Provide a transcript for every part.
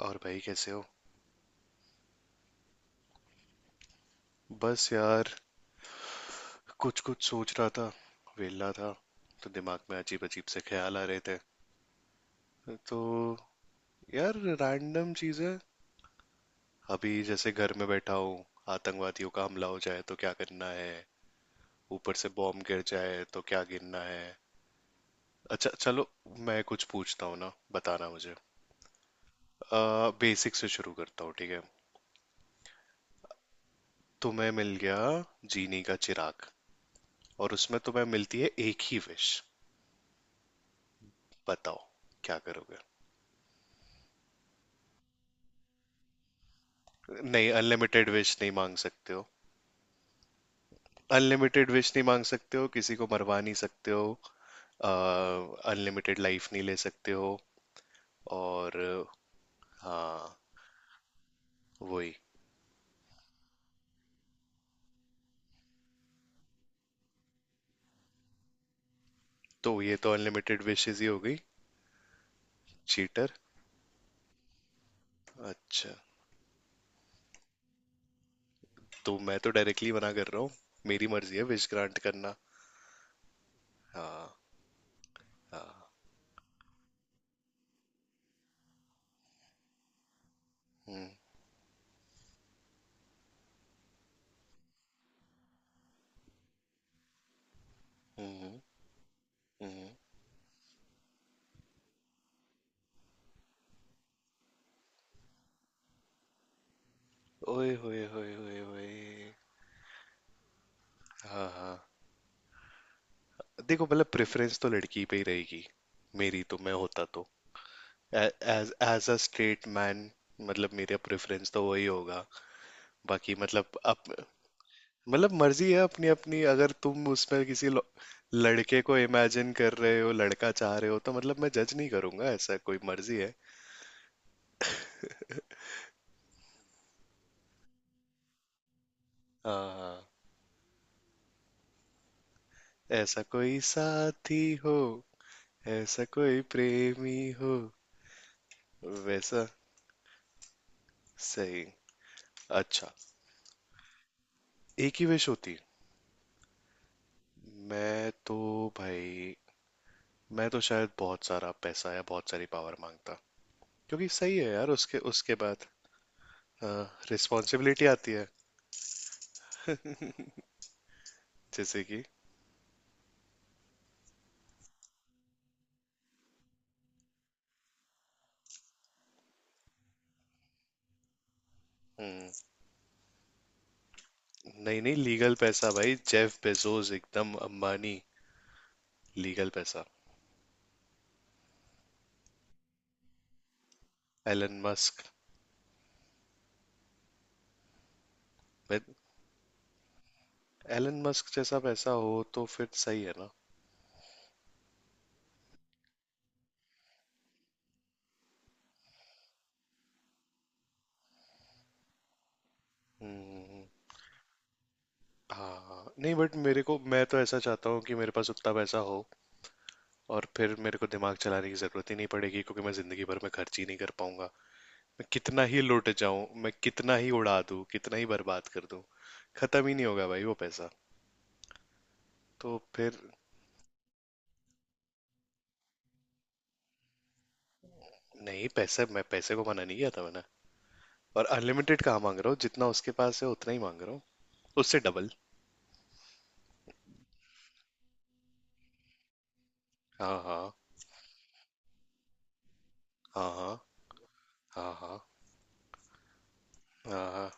और भाई कैसे हो। बस यार कुछ कुछ सोच रहा था। वेला था तो दिमाग में अजीब अजीब से ख्याल आ रहे थे। तो यार रैंडम चीजें। अभी जैसे घर में बैठा हूँ, आतंकवादियों का हमला हो जाए तो क्या करना है। ऊपर से बॉम्ब गिर जाए तो क्या गिरना है। अच्छा चलो, मैं कुछ पूछता हूँ ना, बताना मुझे। बेसिक से शुरू करता हूँ, ठीक है। तुम्हें मिल गया जीनी का चिराग और उसमें तुम्हें मिलती है एक ही विश। बताओ, क्या करोगे। नहीं, अनलिमिटेड विश नहीं मांग सकते हो। अनलिमिटेड विश नहीं मांग सकते हो, किसी को मरवा नहीं सकते हो, अनलिमिटेड लाइफ नहीं ले सकते हो। और हाँ वही। तो ये तो अनलिमिटेड विशेस ही हो गई। चीटर। अच्छा, तो मैं तो डायरेक्टली मना कर रहा हूँ। मेरी मर्जी है विश ग्रांट करना। हाँ। हाँ। हम्म हम्म। हम्म। ओए होए होए होए होए। हाँ हाँ। देखो, मतलब प्रेफरेंस तो लड़की पे ही रहेगी मेरी। तो मैं होता तो as as a straight man, मतलब मेरा प्रेफरेंस तो वही होगा। बाकी मतलब अप, मतलब मर्जी है अपनी अपनी। अगर तुम उसमें किसी लड़के को इमेजिन कर रहे हो, लड़का चाह रहे हो, तो मतलब मैं जज नहीं करूंगा। ऐसा कोई मर्जी है। हाँ, ऐसा कोई साथी हो। ऐसा कोई प्रेमी हो वैसा। सही। अच्छा, एक ही विश होती। मैं तो भाई, मैं तो शायद बहुत सारा पैसा या बहुत सारी पावर मांगता। क्योंकि सही है यार, उसके उसके बाद रिस्पॉन्सिबिलिटी आती है। जैसे कि हम्म। नहीं नहीं, लीगल पैसा भाई, जेफ बेजोस, एकदम अंबानी। लीगल पैसा। Elon Musk. एलन मस्क जैसा पैसा हो तो फिर सही है ना। हम्म। हाँ नहीं, बट मेरे को, मैं तो ऐसा चाहता हूँ कि मेरे पास उतना पैसा हो। और फिर मेरे को दिमाग चलाने की जरूरत ही नहीं पड़ेगी क्योंकि मैं जिंदगी भर में खर्च ही नहीं कर पाऊंगा। मैं कितना ही लुट जाऊं, मैं कितना ही उड़ा दूं, कितना ही बर्बाद कर दूं, खत्म ही नहीं होगा भाई वो पैसा। तो फिर नहीं, पैसे, मैं पैसे को मना नहीं किया था मैंने। और अनलिमिटेड कहाँ मांग रहा हूँ, जितना उसके पास है उतना ही मांग रहा हूँ। उससे डबल। हाँ हाँ। हाँ हाँ। हाँ हाँ हाँ।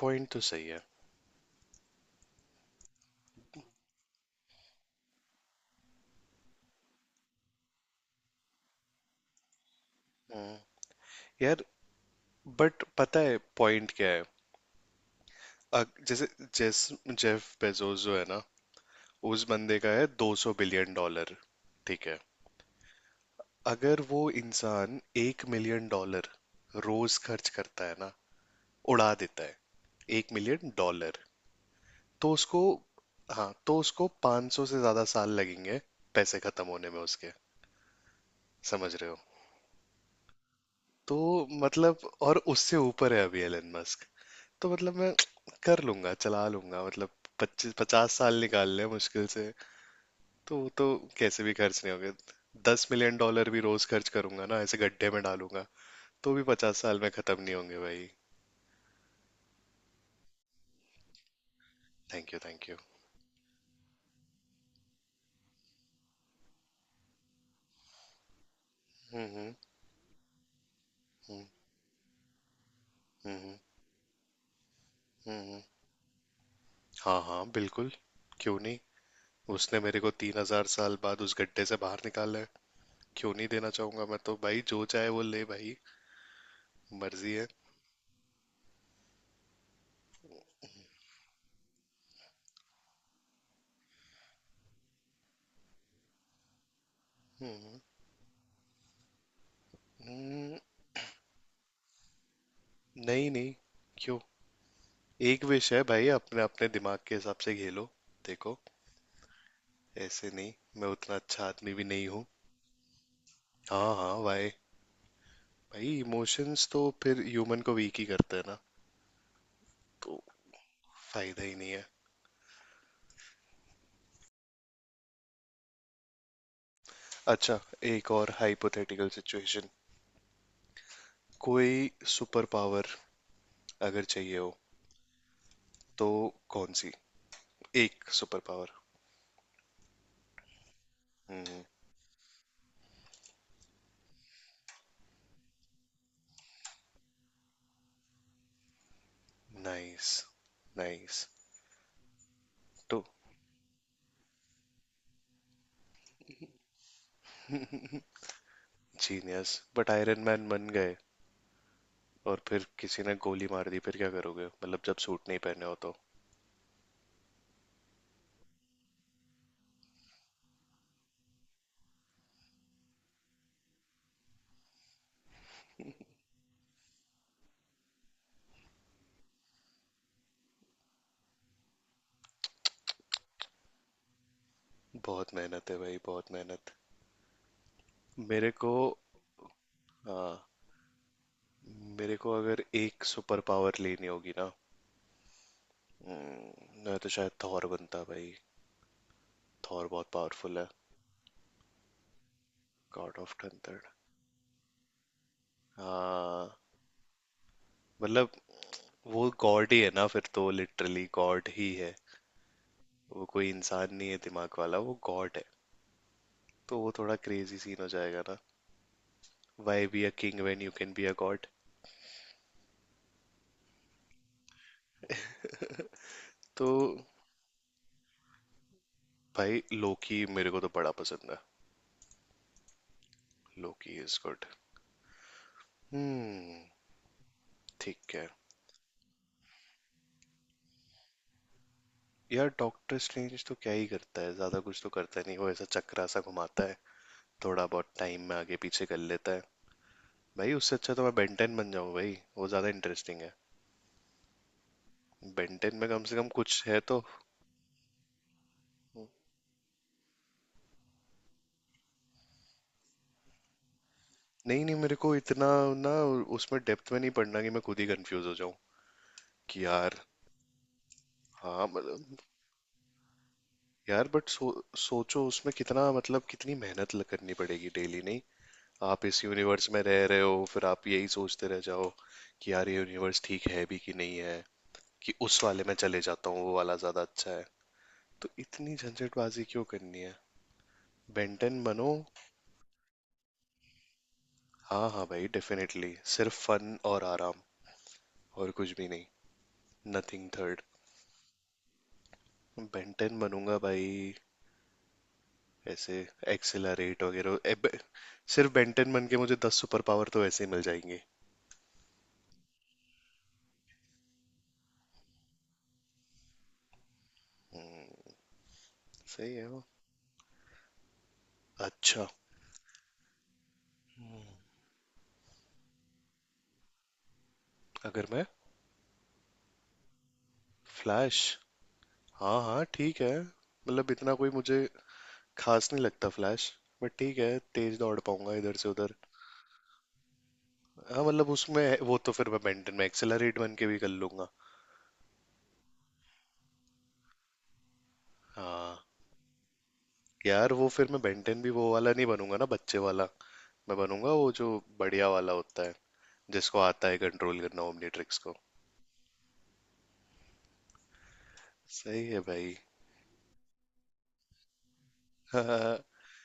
पॉइंट तो सही है। हम्म। यार बट पता है पॉइंट क्या है। जैसे, जेस जेफ बेजोस जो है ना, उस बंदे का है 200 बिलियन डॉलर। ठीक है, अगर वो इंसान 1 मिलियन डॉलर रोज खर्च करता है ना, उड़ा देता है 1 मिलियन डॉलर, तो उसको, हाँ तो उसको 500 से ज़्यादा साल लगेंगे पैसे ख़त्म होने में उसके। समझ रहे हो। तो मतलब, और उससे ऊपर है अभी एलन मस्क। तो मतलब मैं कर लूंगा, चला लूंगा मतलब। 25 50 साल निकाल ले मुश्किल से। तो वो तो कैसे भी खर्च नहीं होंगे। 10 मिलियन डॉलर भी रोज खर्च करूंगा ना, ऐसे गड्ढे में डालूंगा तो भी 50 साल में खत्म नहीं होंगे भाई। Thank you thank you. हम्म। हम्म हम्म। हम्म। हम्म। हाँ हाँ बिल्कुल, क्यों नहीं। उसने मेरे को 3 हज़ार साल बाद उस गड्ढे से बाहर निकाला है, क्यों नहीं देना चाहूंगा। मैं तो भाई जो चाहे वो ले भाई, मर्जी है। हम्म। हम्म। नहीं नहीं, क्यों, एक विश है भाई, अपने अपने दिमाग के हिसाब से खेलो। देखो, ऐसे नहीं। मैं उतना अच्छा आदमी भी नहीं हूँ। हाँ हाँ भाई, भाई इमोशंस तो फिर ह्यूमन को वीक ही करते हैं ना, तो फायदा ही नहीं है। अच्छा, एक और हाइपोथेटिकल सिचुएशन। कोई सुपर पावर अगर चाहिए हो, तो कौन सी एक सुपर पावर। हम्म। नाइस। नाइस। तो जीनियस बट आयरन मैन बन गए और फिर किसी ने गोली मार दी फिर क्या करोगे, मतलब जब सूट नहीं पहने हो तो। बहुत मेहनत है भाई, बहुत मेहनत। मेरे को, हाँ, मेरे को अगर एक सुपर पावर लेनी होगी ना, मैं तो शायद थॉर बनता भाई। थॉर बहुत पावरफुल है। God of thunder. हाँ मतलब वो गॉड ही है ना फिर तो, लिटरली गॉड ही है। वो कोई इंसान नहीं है दिमाग वाला, वो गॉड। तो वो थोड़ा क्रेजी सीन हो जाएगा ना। Why be a king when you can be a god. तो भाई लोकी मेरे को तो बड़ा पसंद है। Loki is good. हम्म। ठीक है। यार डॉक्टर स्ट्रेंज तो क्या ही करता है ज्यादा, कुछ तो करता नहीं वो, ऐसा चक्रा सा घुमाता है, थोड़ा बहुत टाइम में आगे पीछे कर लेता है। भाई उससे अच्छा तो मैं बेंटेन बन जाऊं भाई, वो ज्यादा इंटरेस्टिंग है। बेंटेन में कम से कम कुछ है तो। नहीं नहीं मेरे को इतना, ना, उसमें डेप्थ में नहीं पढ़ना कि मैं खुद ही कंफ्यूज हो जाऊं। कि यार, हाँ मतलब, यार बट सोचो उसमें कितना, मतलब कितनी मेहनत करनी पड़ेगी डेली। नहीं आप इस यूनिवर्स में रह रहे हो फिर आप यही सोचते रह जाओ कि यार ये यूनिवर्स ठीक है भी कि नहीं है, कि उस वाले में चले जाता हूँ, वो वाला ज्यादा अच्छा है। तो इतनी झंझटबाजी क्यों करनी है। बेंटन बनो। हाँ हाँ भाई, डेफिनेटली सिर्फ फन और आराम, और कुछ भी नहीं, नथिंग थर्ड। बेंटन बनूंगा भाई। ऐसे एक्सेलरेट वगैरह सिर्फ बेंटन बन के मुझे 10 सुपर पावर तो ऐसे ही मिल जाएंगे। हम्म। सही है वो। अच्छा। अगर मैं फ्लैश, हाँ हाँ ठीक है, मतलब इतना कोई मुझे खास नहीं लगता फ्लैश, बट ठीक है, तेज दौड़ पाऊंगा इधर से उधर। हाँ मतलब उसमें वो तो फिर मैं बेंटन में एक्सेलरेट बन के भी कर लूंगा। हाँ यार, वो फिर मैं बेंटन भी वो वाला नहीं बनूंगा ना, बच्चे वाला। मैं बनूंगा वो जो बढ़िया वाला होता है, जिसको आता है कंट्रोल करना ओमनीट्रिक्स को। सही है भाई।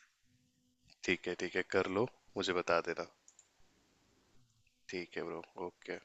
ठीक है ठीक है, कर लो, मुझे बता देना। ठीक है ब्रो, ओके।